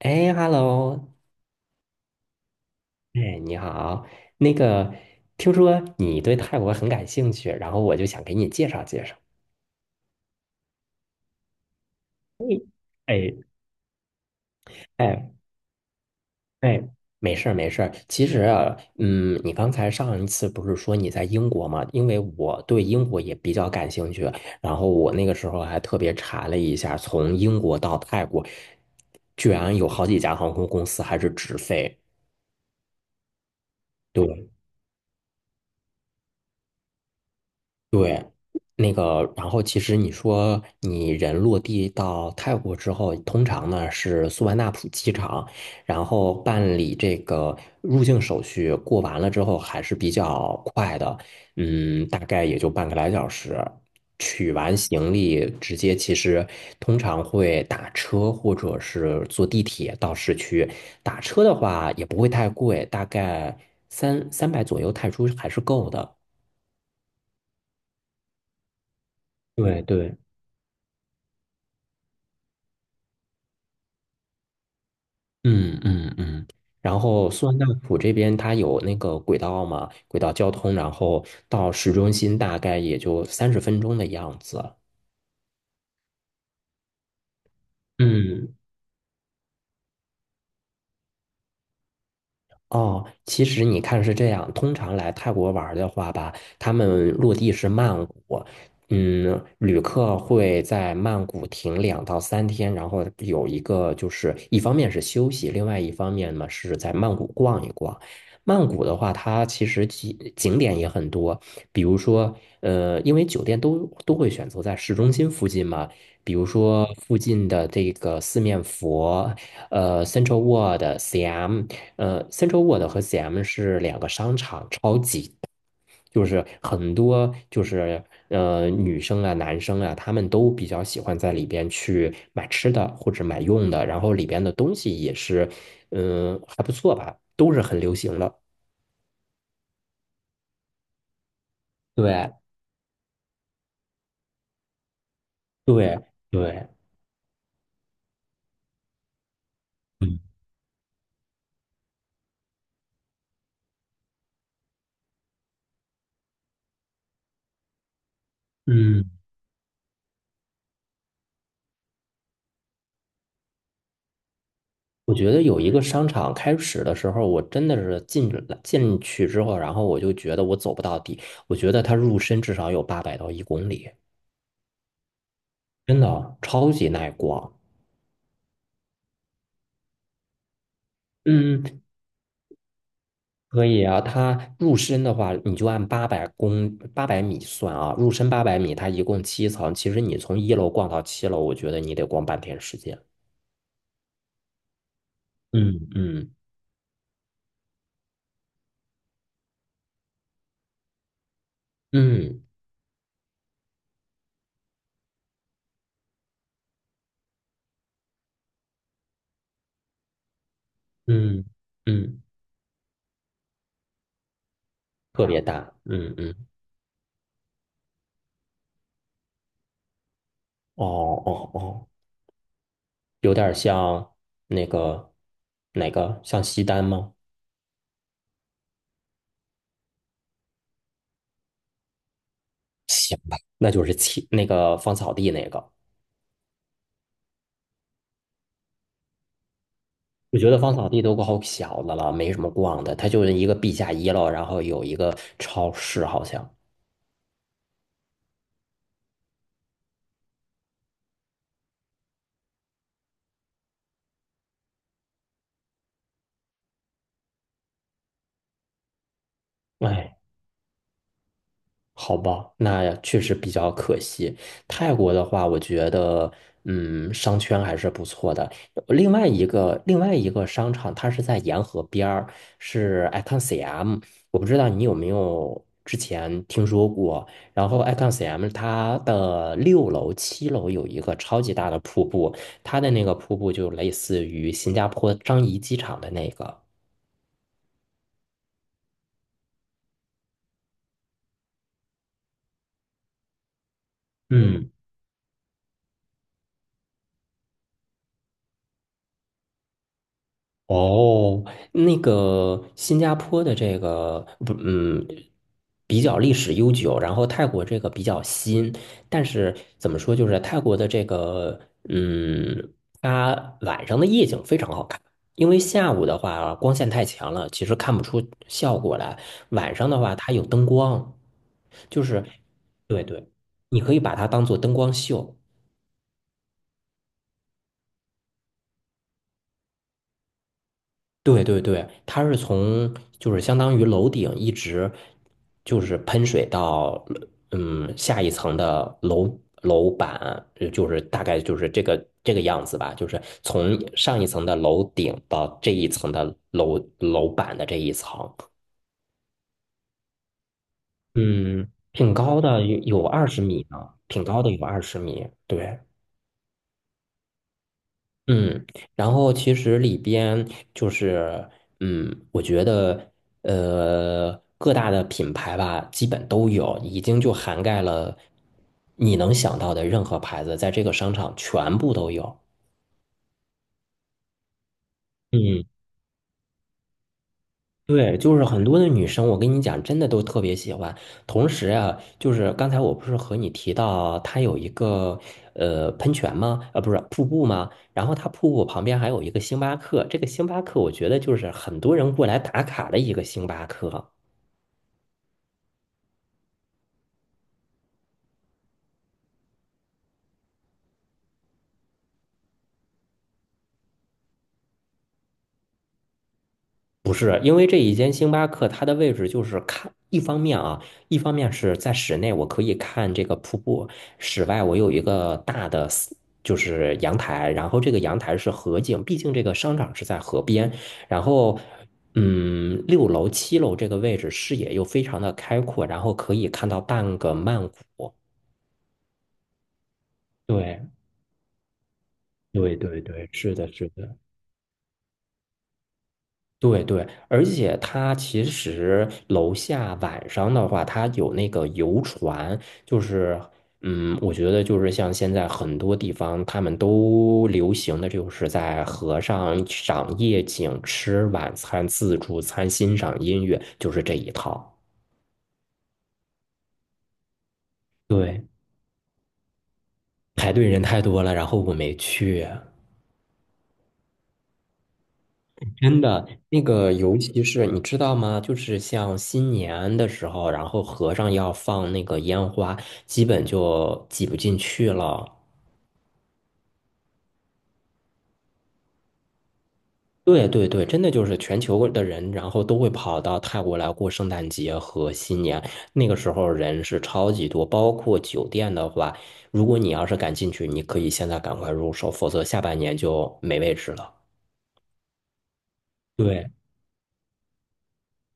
哎，Hello，哎，你好。那个，听说你对泰国很感兴趣，然后我就想给你介绍介绍。哎哎哎，没事儿没事儿。其实啊，你刚才上一次不是说你在英国吗？因为我对英国也比较感兴趣，然后我那个时候还特别查了一下，从英国到泰国，居然有好几家航空公司还是直飞。对，对，那个，然后其实你说你人落地到泰国之后，通常呢是素万那普机场，然后办理这个入境手续，过完了之后还是比较快的，大概也就半个来小时。取完行李，直接其实通常会打车或者是坐地铁到市区。打车的话也不会太贵，大概三百左右泰铢还是够的。对对。嗯嗯嗯，然后苏万大浦这边它有那个轨道嘛，轨道交通，然后到市中心大概也就30分钟的样子。嗯哦，其实你看是这样，通常来泰国玩儿的话吧，他们落地是曼谷，旅客会在曼谷停2到3天，然后有一个就是一方面是休息，另外一方面嘛是在曼谷逛一逛。曼谷的话，它其实景点也很多，比如说，因为酒店都会选择在市中心附近嘛，比如说附近的这个四面佛，Central World、CM。Central World 和 CM 是两个商场，超级大就是很多就是女生啊、男生啊，他们都比较喜欢在里边去买吃的或者买用的，然后里边的东西也是，还不错吧，都是很流行的。对对对，嗯嗯。我觉得有一个商场开始的时候，我真的是进了进去之后，然后我就觉得我走不到底，我觉得它入深至少有800到1公里。真的超级耐逛。嗯，可以啊。它入深的话，你就按八百米算啊，入深八百米，它一共7层。其实你从1楼逛到7楼，我觉得你得逛半天时间。嗯嗯嗯嗯嗯，特别大。嗯嗯，哦哦哦，有点像那个哪个像西单吗？行吧，那就是那个芳草地那个。我觉得芳草地都够小的了，没什么逛的，它就是一个地下1楼，然后有一个超市，好像。哎，好吧，那确实比较可惜。泰国的话，我觉得，商圈还是不错的。另外一个商场，它是在沿河边儿，是 Icon CM。我不知道你有没有之前听说过。然后 Icon CM 它的六楼、七楼有一个超级大的瀑布，它的那个瀑布就类似于新加坡樟宜机场的那个。嗯。哦，那个新加坡的这个不，比较历史悠久，然后泰国这个比较新，但是怎么说，就是泰国的这个，嗯，它晚上的夜景非常好看，因为下午的话光线太强了，其实看不出效果来。晚上的话，它有灯光，就是，对对，你可以把它当做灯光秀。对对对，它是从就是相当于楼顶一直就是喷水到下一层的楼板，就是大概就是这个样子吧，就是从上一层的楼顶到这一层的楼板的这一层，嗯，挺高的，有二十米呢，挺高的有二十米，对。嗯，然后其实里边就是，我觉得，各大的品牌吧，基本都有，已经就涵盖了你能想到的任何牌子，在这个商场全部都有。嗯对，就是很多的女生，我跟你讲，真的都特别喜欢。同时啊，就是刚才我不是和你提到，它有一个喷泉吗？不是瀑布吗？然后它瀑布旁边还有一个星巴克，这个星巴克我觉得就是很多人过来打卡的一个星巴克。不是，因为这一间星巴克，它的位置就是看，一方面啊，一方面是在室内，我可以看这个瀑布；室外，我有一个大的 就是阳台，然后这个阳台是河景，毕竟这个商场是在河边。然后，六楼、七楼这个位置视野又非常的开阔，然后可以看到半个曼谷。对，对对对，是的，是的。对对，而且它其实楼下晚上的话，它有那个游船，就是，我觉得就是像现在很多地方他们都流行的就是在河上赏夜景、吃晚餐、自助餐、欣赏音乐，就是这一套。对，排队人太多了，然后我没去。真的，那个尤其是你知道吗？就是像新年的时候，然后和尚要放那个烟花，基本就挤不进去了。对对对，真的就是全球的人，然后都会跑到泰国来过圣诞节和新年。那个时候人是超级多，包括酒店的话，如果你要是敢进去，你可以现在赶快入手，否则下半年就没位置了。对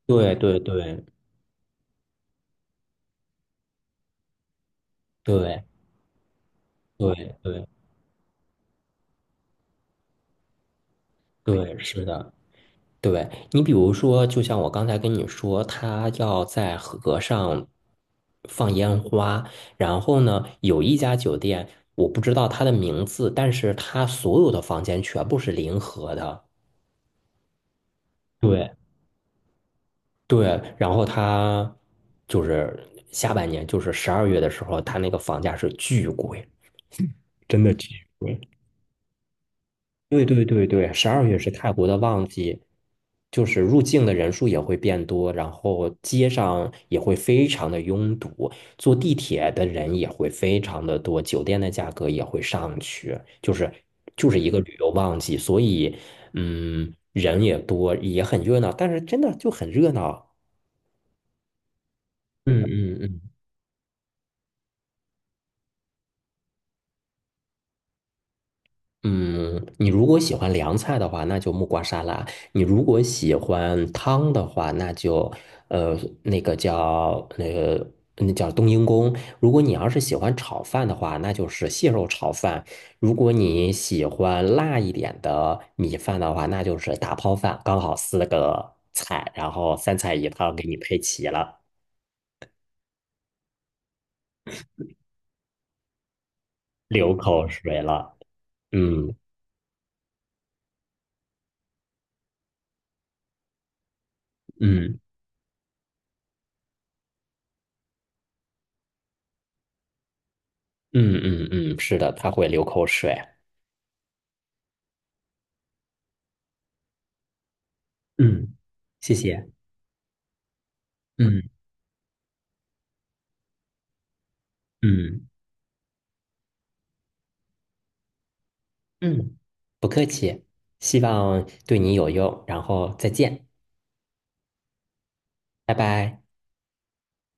对对对对对对，对，是的。对，你比如说，就像我刚才跟你说，他要在河上放烟花，然后呢，有一家酒店，我不知道它的名字，但是它所有的房间全部是临河的。对对，然后它就是下半年，就是十二月的时候，它那个房价是巨贵，真的巨贵。对对对对，十二月是泰国的旺季，就是入境的人数也会变多，然后街上也会非常的拥堵，坐地铁的人也会非常的多，酒店的价格也会上去，就是一个旅游旺季，所以人也多，也很热闹，但是真的就很热闹。嗯嗯嗯，你如果喜欢凉菜的话，那就木瓜沙拉；你如果喜欢汤的话，那就呃那个叫那个那叫冬阴功。如果你要是喜欢炒饭的话，那就是蟹肉炒饭；如果你喜欢辣一点的米饭的话，那就是打抛饭。刚好四个菜，然后三菜一汤给你配齐了，流口水了。嗯嗯嗯嗯嗯，是的，他会流口水。嗯，谢谢。嗯嗯嗯，不客气，希望对你有用，然后再见，拜拜。